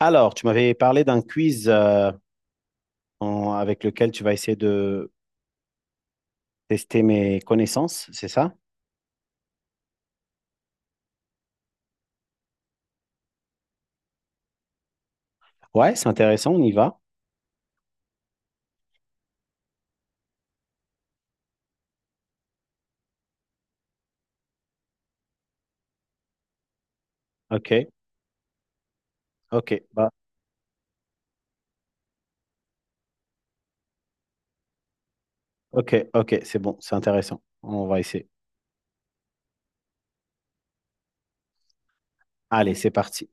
Alors, tu m'avais parlé d'un quiz avec lequel tu vas essayer de tester mes connaissances, c'est ça? Ouais, c'est intéressant, on y va. Ok, ok, bah, ok, ok, c'est bon, c'est intéressant. On va essayer. Allez, c'est parti.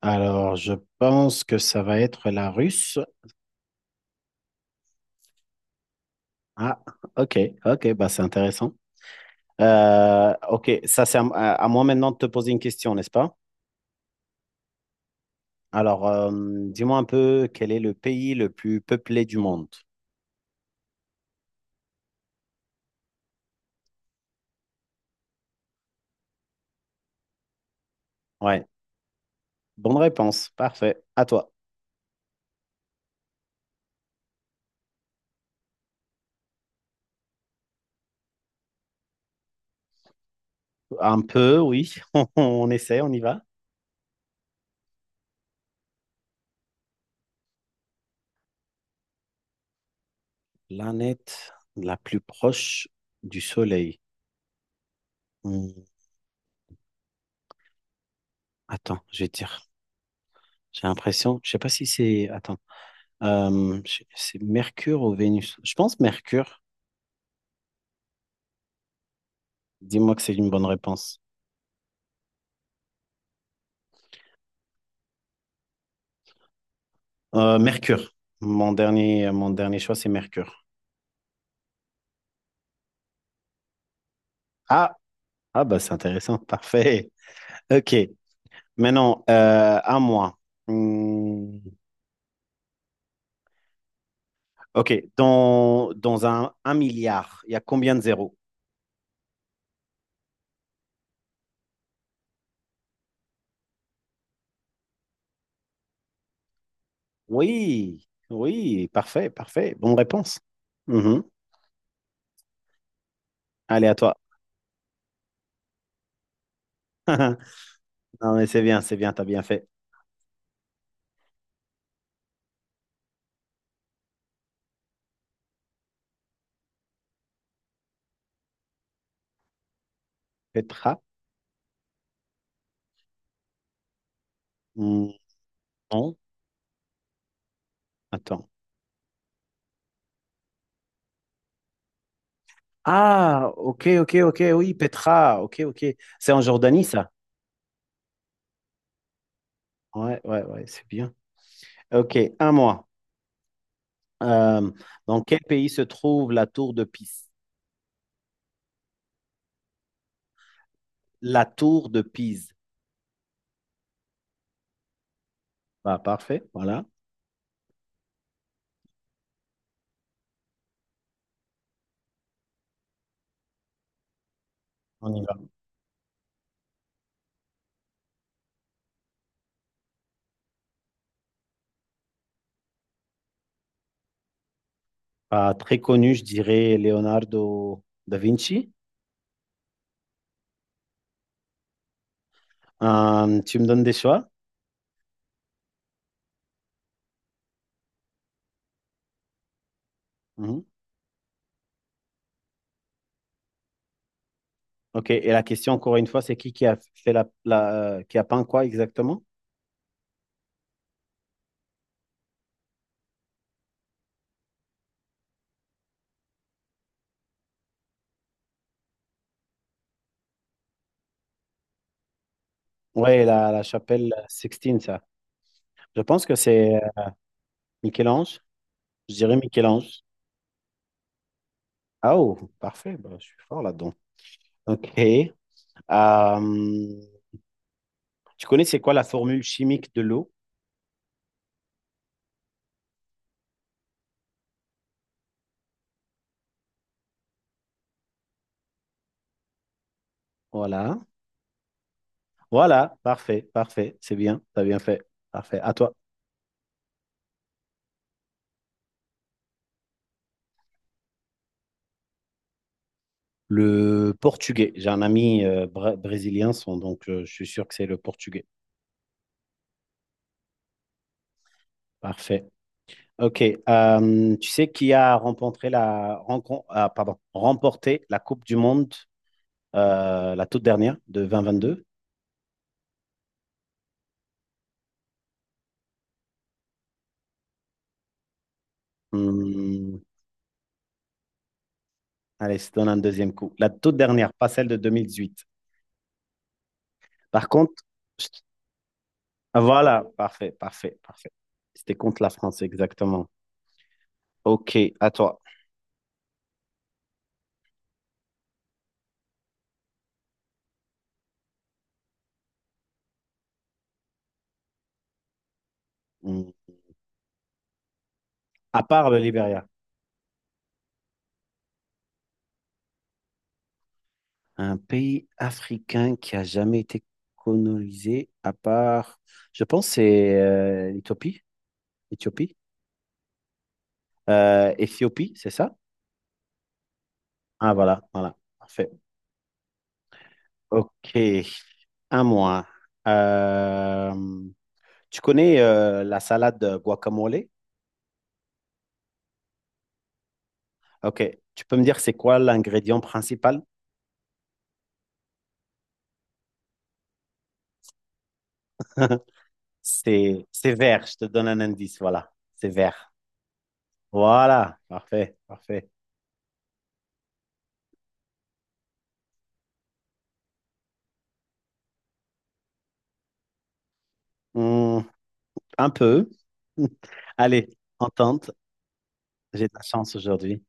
Alors, je pense que ça va être la russe. Ah, ok, ok, bah c'est intéressant. Ok, ça à moi maintenant de te poser une question, n'est-ce pas? Alors, dis-moi un peu quel est le pays le plus peuplé du monde? Ouais, bonne réponse, parfait. À toi. Un peu, oui. On essaie, on y va. Planète la plus proche du Soleil. Hmm, attends, je vais te dire. J'ai l'impression, je sais pas si c'est. Attends, c'est Mercure ou Vénus? Je pense Mercure. Dis-moi que c'est une bonne réponse. Mercure. Mon dernier choix, c'est Mercure. Ah, ah bah c'est intéressant, parfait. Ok, maintenant à moi. Hmm, ok, dans un milliard, il y a combien de zéros? Oui, oui, parfait, parfait. Bonne réponse. Mhm. Allez, à toi. Non, mais c'est bien, t'as bien fait. Petra? Hmm, non, attends. Ah, ok, ok, ok, oui, Petra, ok, ok. C'est en Jordanie, ça? Ouais, ouais, ouais, c'est bien. Ok, à moi. Euh, dans quel pays se trouve la tour de Pise? La tour de Pise. Bah, parfait, voilà, on y va. Bah, très connu, je dirais Leonardo da Vinci. Tu me donnes des choix? Mhm. Ok, et la question, encore une fois, c'est qui a fait qui a peint quoi exactement? Ouais, la chapelle Sixtine, ça. Je pense que c'est Michel-Ange. Je dirais Michel-Ange. Ah oh, parfait, bah, je suis fort là-dedans. Ok. Euh, tu connais c'est quoi la formule chimique de l'eau? Voilà. Voilà, parfait, parfait. C'est bien, t'as bien fait. Parfait. À toi. Le portugais. J'ai un ami brésilien, donc je suis sûr que c'est le portugais. Parfait. Ok. Euh, tu sais qui a remporté ah, pardon, remporté la Coupe du Monde, la toute dernière de 2022? Hmm, allez, je te donne un deuxième coup. La toute dernière, pas celle de 2018. Par contre, je- ah, voilà, parfait, parfait, parfait. C'était contre la France, exactement. Ok, à toi. Hmm. À part le Libéria. Un pays africain qui a jamais été colonisé à part, je pense, c'est l'Éthiopie, Éthiopie, Éthiopie, c'est ça? Ah, voilà, voilà, parfait. Ok, à moi. Euh, tu connais la salade guacamole? Ok, tu peux me dire c'est quoi l'ingrédient principal? C'est vert, je te donne un indice, voilà, c'est vert. Voilà, parfait, parfait. Hmm, un peu. Allez, entente, j'ai de la chance aujourd'hui.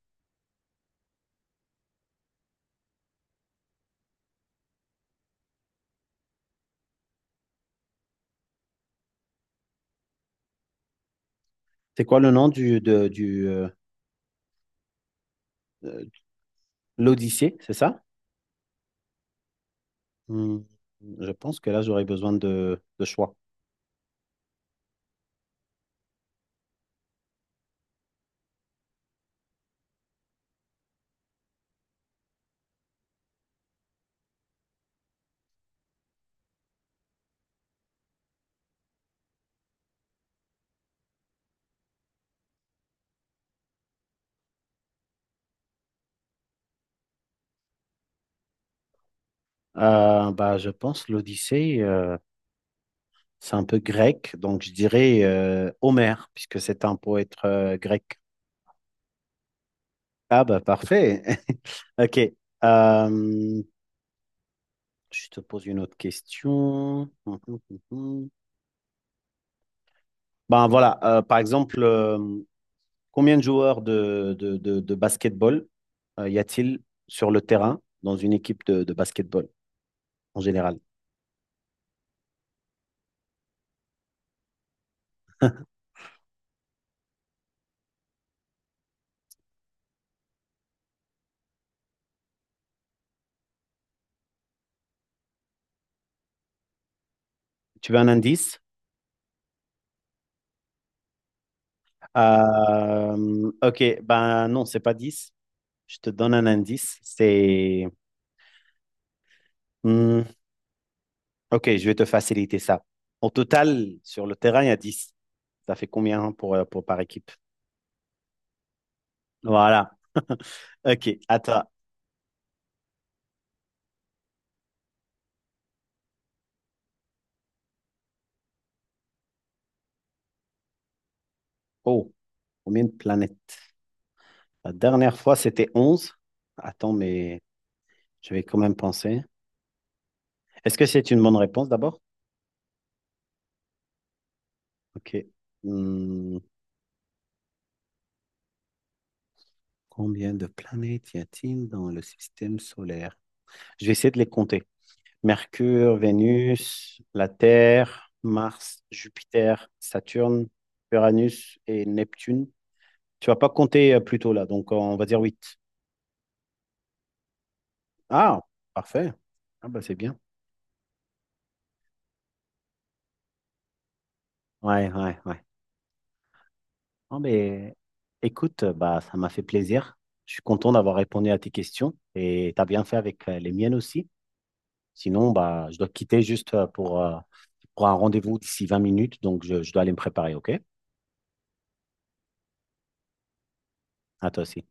C'est quoi le nom du, euh, l'Odyssée, c'est ça? Hmm, je pense que là, j'aurais besoin de choix. Bah, je pense l'Odyssée, c'est un peu grec, donc je dirais Homère, puisque c'est un poète grec. Ah bah parfait. Ok. Euh, je te pose une autre question. Ben voilà, par exemple, combien de joueurs de basketball y a-t-il sur le terrain dans une équipe de basketball en général? Tu veux un indice? Ok, ben non, c'est pas 10. Je te donne un indice. C'est. Hmm, ok, je vais te faciliter ça. Au total, sur le terrain, il y a dix. Ça fait combien pour par équipe? Voilà. Ok, attends. Oh, combien de planètes? La dernière fois, c'était 11. Attends, mais je vais quand même penser. Est-ce que c'est une bonne réponse d'abord? Ok. Hmm, combien de planètes y a-t-il dans le système solaire? Je vais essayer de les compter. Mercure, Vénus, la Terre, Mars, Jupiter, Saturne, Uranus et Neptune. Tu vas pas compter plutôt là, donc on va dire 8. Ah, parfait. Ah bah c'est bien. Ouais, ouais, ouais. Non, mais écoute, bah ça m'a fait plaisir. Je suis content d'avoir répondu à tes questions et tu as bien fait avec les miennes aussi. Sinon, bah, je dois te quitter juste pour un rendez-vous d'ici 20 minutes, donc je dois aller me préparer, ok? À toi aussi.